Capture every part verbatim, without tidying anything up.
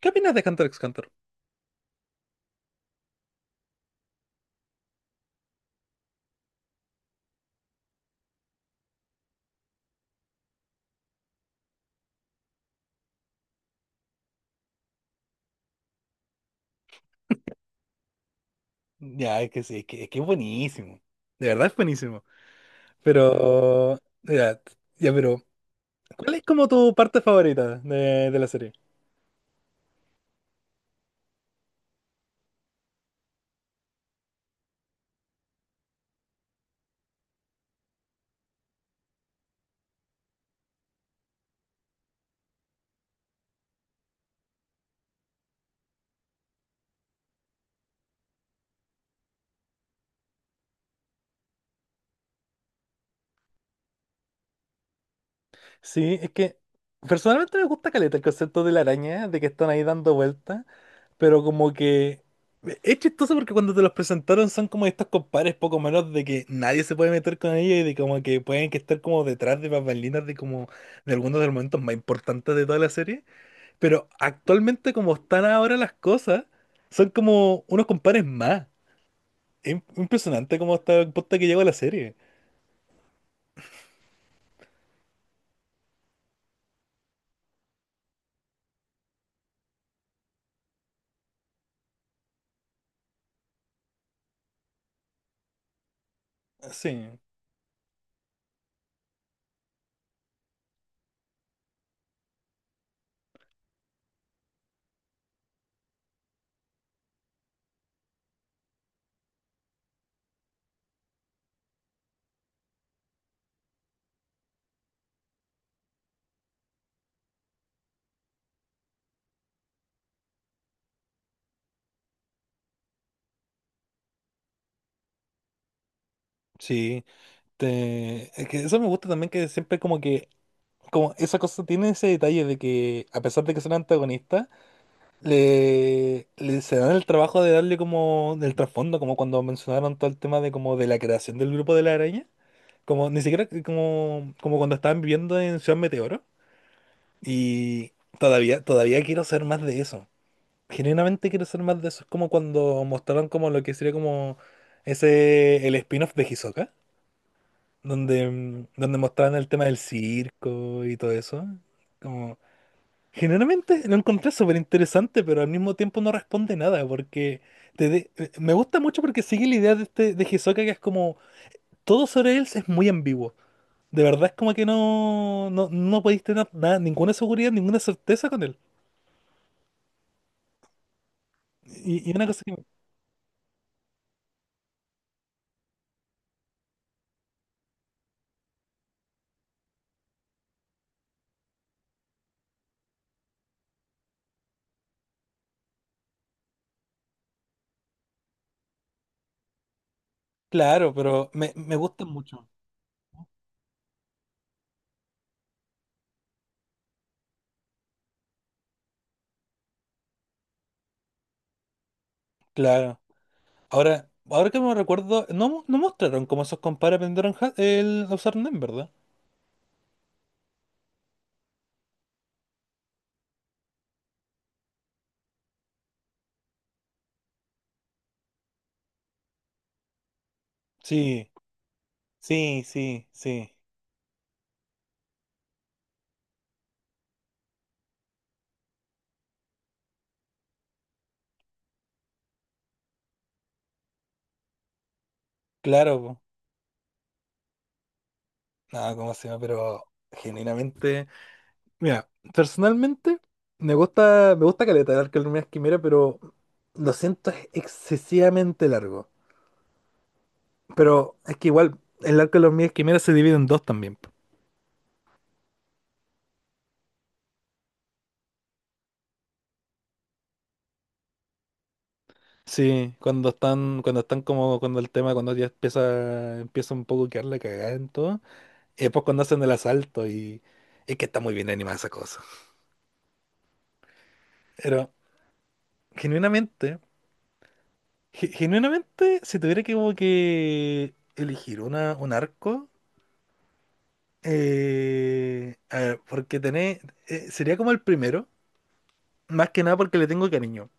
¿Qué opinas de Hunter x Hunter? Ya, es que sí, es que, es que es buenísimo. De verdad es buenísimo. Pero. Ya, ya, pero. ¿Cuál es como tu parte favorita de, de la serie? Sí, es que. Personalmente me gusta caleta el concepto de la araña, de que están ahí dando vueltas. Pero como que. Es chistoso porque cuando te los presentaron son como estos compadres poco menos de que nadie se puede meter con ellos y de como que pueden que estar como detrás de bambalinas de como de algunos de los momentos más importantes de toda la serie. Pero actualmente como están ahora las cosas, son como unos compares más. Es impresionante cómo está el punto que llegó la serie. Sí, sí. Te- es que eso me gusta también que siempre como que, como esa cosa tiene ese detalle de que a pesar de que son antagonistas, le, le se dan el trabajo de darle como del trasfondo, como cuando mencionaron todo el tema de como de la creación del grupo de la araña. Como ni siquiera como, como cuando estaban viviendo en Ciudad Meteoro. Y todavía, todavía quiero ser más de eso. Genuinamente quiero ser más de eso. Es como cuando mostraron como lo que sería como ese, el spin-off de Hisoka, donde, mm, donde mostraban el tema del circo y todo eso. Como, generalmente lo encontré súper interesante, pero al mismo tiempo no responde nada, porque te de- eh, me gusta mucho porque sigue la idea de, este, de Hisoka que es como, todo sobre él es muy ambiguo. De verdad es como que no, no, no podéis tener nada, ninguna seguridad, ninguna certeza con él. Y, y una cosa que, claro, pero me, me gustan mucho. Claro. Ahora, ahora que me recuerdo, no, mo- no mostraron cómo esos compadres aprendieron ja- el a usar NEM, ¿verdad? Sí, sí, sí, sí. Claro, po. No, cómo se llama, pero genuinamente. Mira, personalmente me gusta, me gusta caleta el Arca de Luminas Quimera, pero lo siento, es excesivamente largo. Pero es que igual el Arca de Luminas Quimera se divide en dos también. Sí, cuando están, cuando están como, cuando el tema, cuando ya empieza, empieza un poco a quedar la cagada en todo, y después cuando hacen el asalto y es que está muy bien animada esa cosa. Pero, genuinamente, ge- genuinamente, si tuviera que como que elegir una, un arco, eh, a ver, porque tené, eh, sería como el primero, más que nada porque le tengo cariño,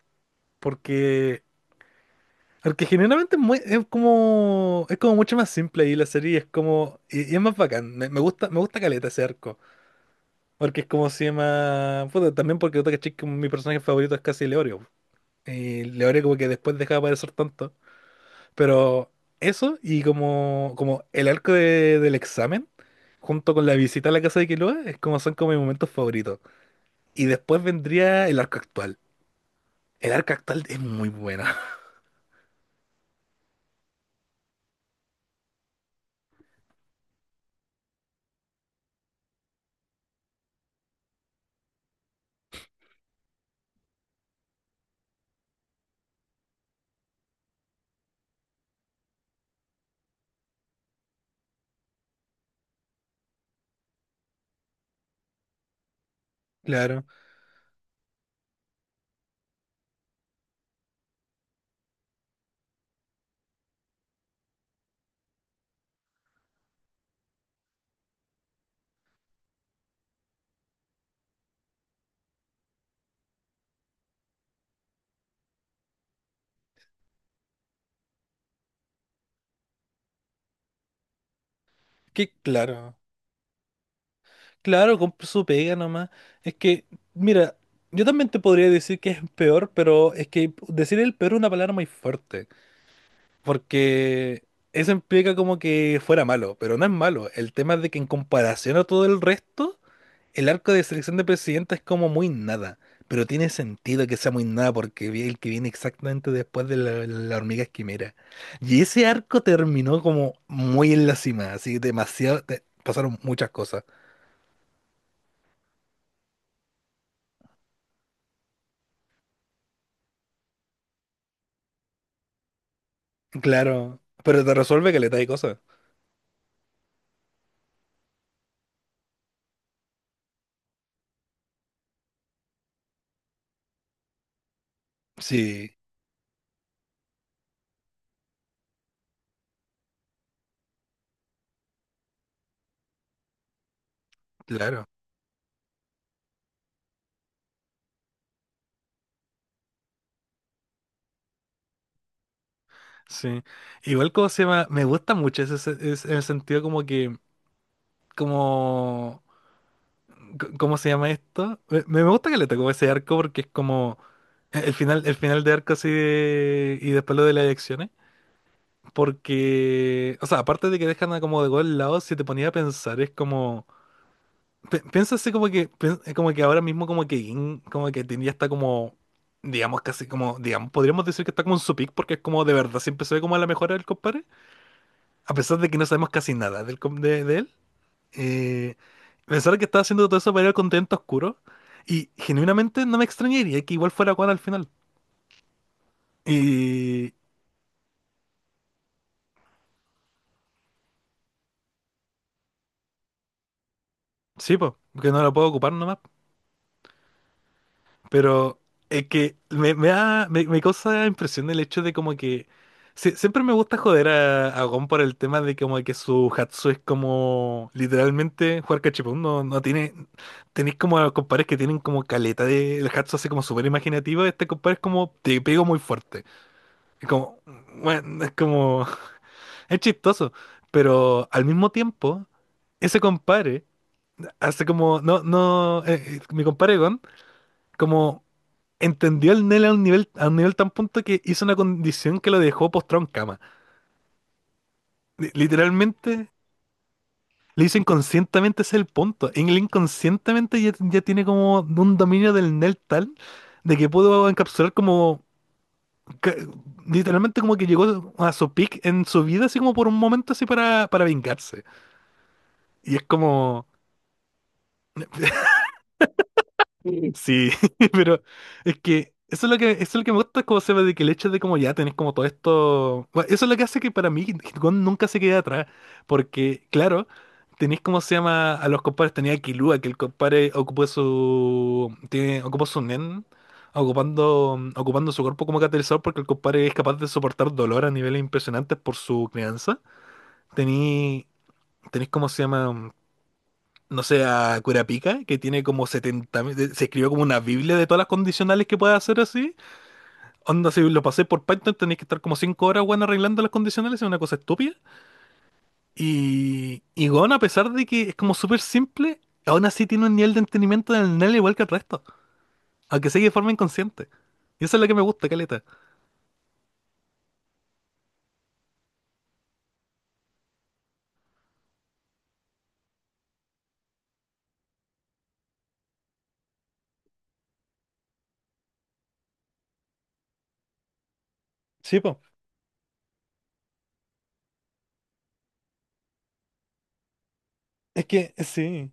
porque Porque generalmente es, muy- es como es como mucho más simple y la serie es como y, y es más bacán. Me, me gusta me gusta caleta ese arco, porque es como se llama, puta, también porque otra que como mi personaje favorito es casi Leorio. Y Leorio como que después dejaba de aparecer tanto, pero eso y como como el arco de- del examen junto con la visita a la casa de Killua es como son como mis momentos favoritos. Y después vendría el arco actual. El arco actual es muy bueno. Claro. Que claro. Claro, compra su pega nomás. Es que, mira, yo también te podría decir que es peor, pero es que decir el peor es una palabra muy fuerte, porque eso implica como que fuera malo, pero no es malo. El tema es de que en comparación a todo el resto, el arco de selección de presidenta es como muy nada, pero tiene sentido que sea muy nada porque vi- el que viene exactamente después de la, la hormiga quimera. Y ese arco terminó como muy en la cima, así demasiado, te- pasaron muchas cosas. Claro, pero te resuelve que le de cosas. Sí, claro, sí. Igual como se llama, me gusta mucho ese, se- es- en el sentido como que, como, c- ¿cómo se llama esto? Me, me gusta que le tocó ese arco porque es como el el final, el final de arco así de- y después lo de las elecciones. Porque, o sea, aparte de que dejan a como de gol lado, si te ponía a pensar, es como... Pi- Pienso así como que, pien- eh, como que ahora mismo como que Gin, como que tenía está como, digamos, casi como, digamos, podríamos decir que está como en su peak porque es como de verdad siempre se ve como la mejora del compadre, a pesar de que no sabemos casi nada del, com- de, de él. Eh, Pensar que estaba haciendo todo eso para ir al continente oscuro y genuinamente no me extrañaría que igual fuera Juan al final. Y sí, pues, que no lo puedo ocupar nomás. Pero es que me, me da, me, me causa impresión el hecho de como que sie- siempre me gusta joder a, a, Gon por el tema de como que su Hatsu es como literalmente jugar cachipún, no, no tiene, tenéis como a compadres que tienen como caleta de el Hatsu así como súper imaginativo, este compadre es como te pego muy fuerte. Es como, bueno, es como, es chistoso, pero al mismo tiempo, ese compadre hace como, no, no, eh, eh, mi compadre Gon, como entendió al Nel a un nivel, a un nivel, tan punto que hizo una condición que lo dejó postrado en cama. Li- Literalmente, le hizo inconscientemente ese es el punto. En el inconscientemente ya, ya tiene como un dominio del Nel tal de que pudo encapsular como ca- literalmente como que llegó a su peak en su vida así como por un momento así para, para vengarse. Y es como Sí, pero es que, eso es lo que, eso es lo que me gusta, como se ve de que el hecho de como ya tenés como todo esto. Bueno, eso es lo que hace que para mí Hitcon nunca se quede atrás. Porque, claro, tenés como se llama a los compadres, tenía a Killua, que el compadre ocupó su. Tiene, ocupó su nen, ocupando, mm, ocupando su cuerpo como catalizador, porque el compadre es capaz de soportar dolor a niveles impresionantes por su crianza. Tení, tenés como se llama no sé, a Curapica, que tiene como setenta mil, se escribió como una biblia de todas las condicionales que puede hacer así. Onda, si lo pasé por Python, tenéis que estar como cinco horas, weón, arreglando las condicionales, es una cosa estúpida. Y, y weón, a pesar de que es como súper simple, aún así tiene un nivel de entendimiento del NEL igual que el resto, aunque sea de forma inconsciente. Y eso es lo que me gusta, caleta. Sí, po. Es que, eh, sí,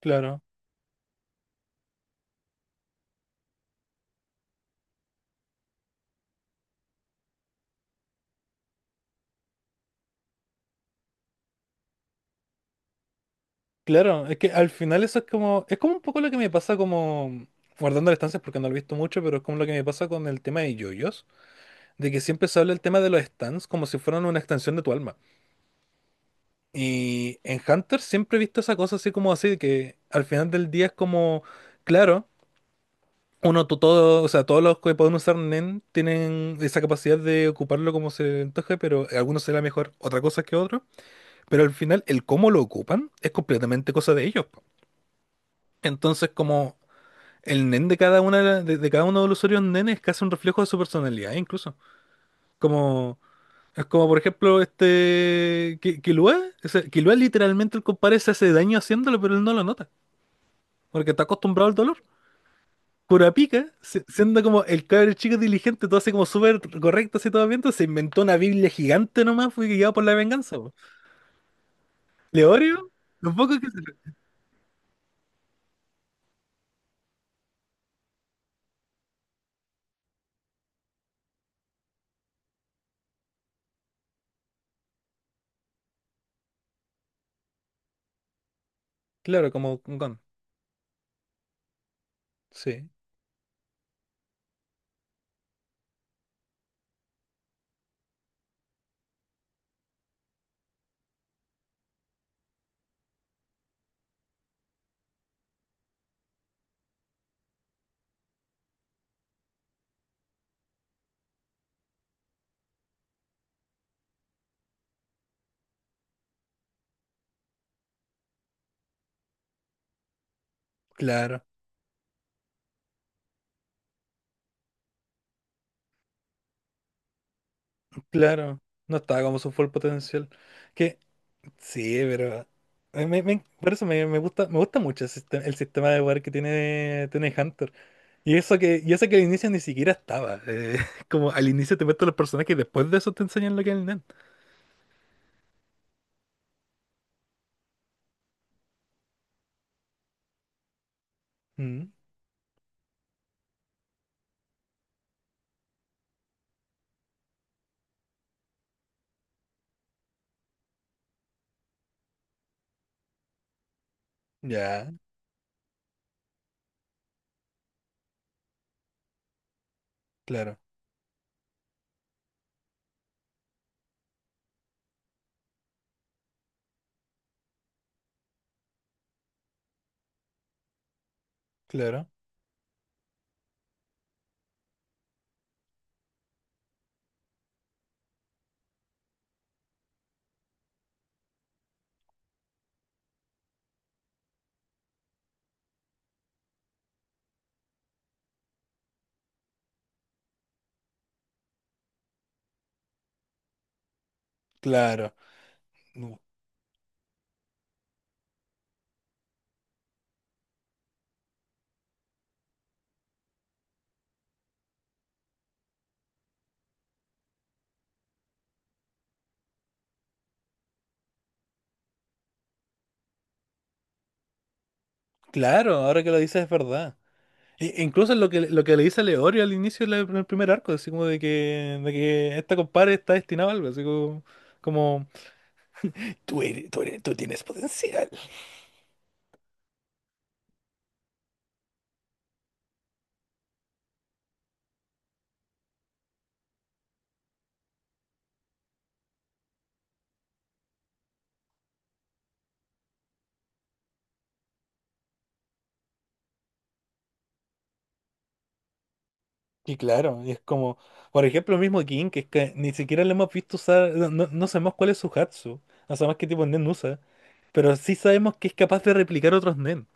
claro. Claro, es que al final eso es como, es como un poco lo que me pasa como, guardando las distancias porque no lo he visto mucho, pero es como lo que me pasa con el tema de yoyos de que siempre se habla el tema de los stands como si fueran una extensión de tu alma. Y en Hunter siempre he visto esa cosa así como así, de que al final del día es como, claro, uno, to- todo, o sea, todos los que pueden usar NEN tienen esa capacidad de ocuparlo como se antoje, pero a algunos será mejor otra cosa que otro. Pero al final, el cómo lo ocupan es completamente cosa de ellos. Po. Entonces, como el NEN de cada una de, de cada uno de los usuarios NEN es casi un reflejo de su personalidad, incluso. Como. Es como, por ejemplo, este. Ki- Killua. O sea, Killua literalmente el compadre se hace daño haciéndolo, pero él no lo nota. Porque está acostumbrado al dolor. Kurapika, si- siendo como el cabrón chico diligente, todo así como súper correcto, así todo bien, entonces se inventó una Biblia gigante nomás, fue guiado por la venganza. Po. Leorio, lo poco que se. Claro, como Gon. Sí. Claro, claro. No estaba como su full potencial. Que. Sí, pero. Eh, me- me- por eso me, me gusta, me gusta mucho el sistema, el sistema, de poder que tiene, tiene Hunter. Y eso que, y eso que al inicio ni siquiera estaba. eh, como al inicio te muestran los personajes y después de eso te enseñan lo que es el Nen. Mm, ya, claro, claro, claro. Mm. Claro, ahora que lo dices es verdad. E- incluso lo que, lo que, le dice a Leorio al inicio del del primer arco, así como de que, de que esta compadre está destinada a algo, así como, como tú eres- tú eres- tú tienes potencial. Y claro, y es como, por ejemplo, el mismo King, que es que ni siquiera le hemos visto usar, no, no- no sabemos cuál es su Hatsu, no sabemos qué tipo de Nen usa. Pero sí sabemos que es capaz de replicar otros Nen.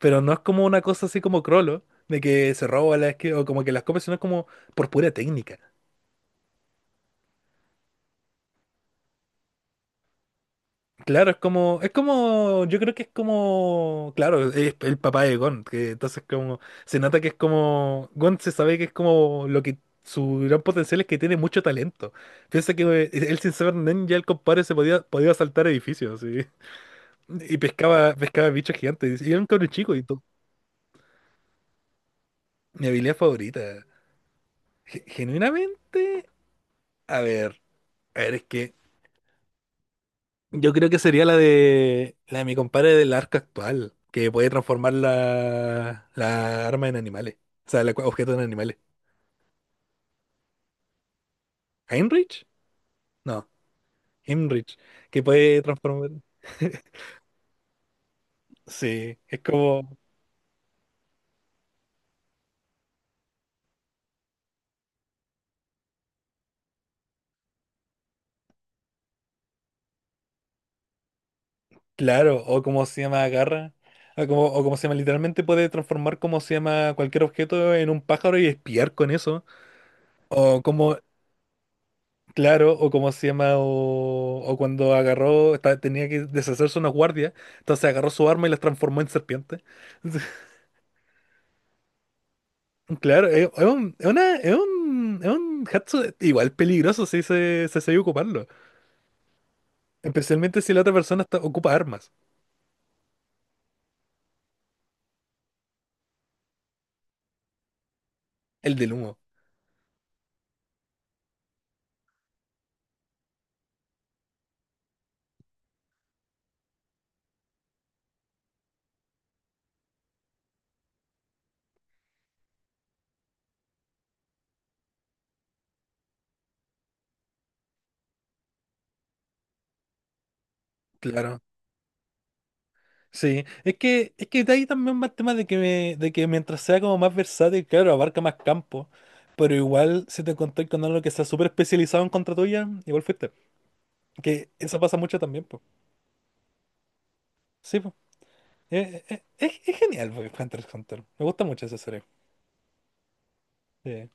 Pero no es como una cosa así como Crollo, de que se roba las que, o como que las copia, sino es como por pura técnica. Claro, es como, es como, yo creo que es como, claro, es el papá de Gon, que entonces como, se nota que es como, Gon se sabe que es como lo que, su gran potencial es que tiene mucho talento. Piensa que eh, él sin saber Nen ya el compadre se podía, podía, saltar edificios, sí. Y pescaba, pescaba bichos gigantes, y era un cabrón chico, y todo mi habilidad favorita. Ge- Genuinamente, a ver, a ver, es que yo creo que sería la de la de mi compadre del arca actual, que puede transformar la, la arma en animales, o sea, el objeto en animales. ¿Heinrich? No, Heinrich, que puede transformar. Sí, es como, claro, o como se llama garra, o como, o como se llama, literalmente puede transformar como se llama cualquier objeto en un pájaro y espiar con eso. O como Claro, o como se llama, o, o cuando agarró, esta- tenía que deshacerse unos guardias, entonces agarró su arma y las transformó en serpiente. Claro, es, es un, es una- es un, es un hatsu igual peligroso si se, se sabe ocuparlo, especialmente si la otra persona está- ocupa armas, el del humo, claro. Sí, es que, es que, de ahí también va el tema de que, me- de que mientras sea como más versátil, claro, abarca más campo, pero igual si te encontrás con algo que sea súper especializado en contra tuya, igual fuiste. Que eso pasa mucho también, sí, pues. Es, es- es genial, pues, Hunter x Hunter. Me gusta mucho esa serie. Sí.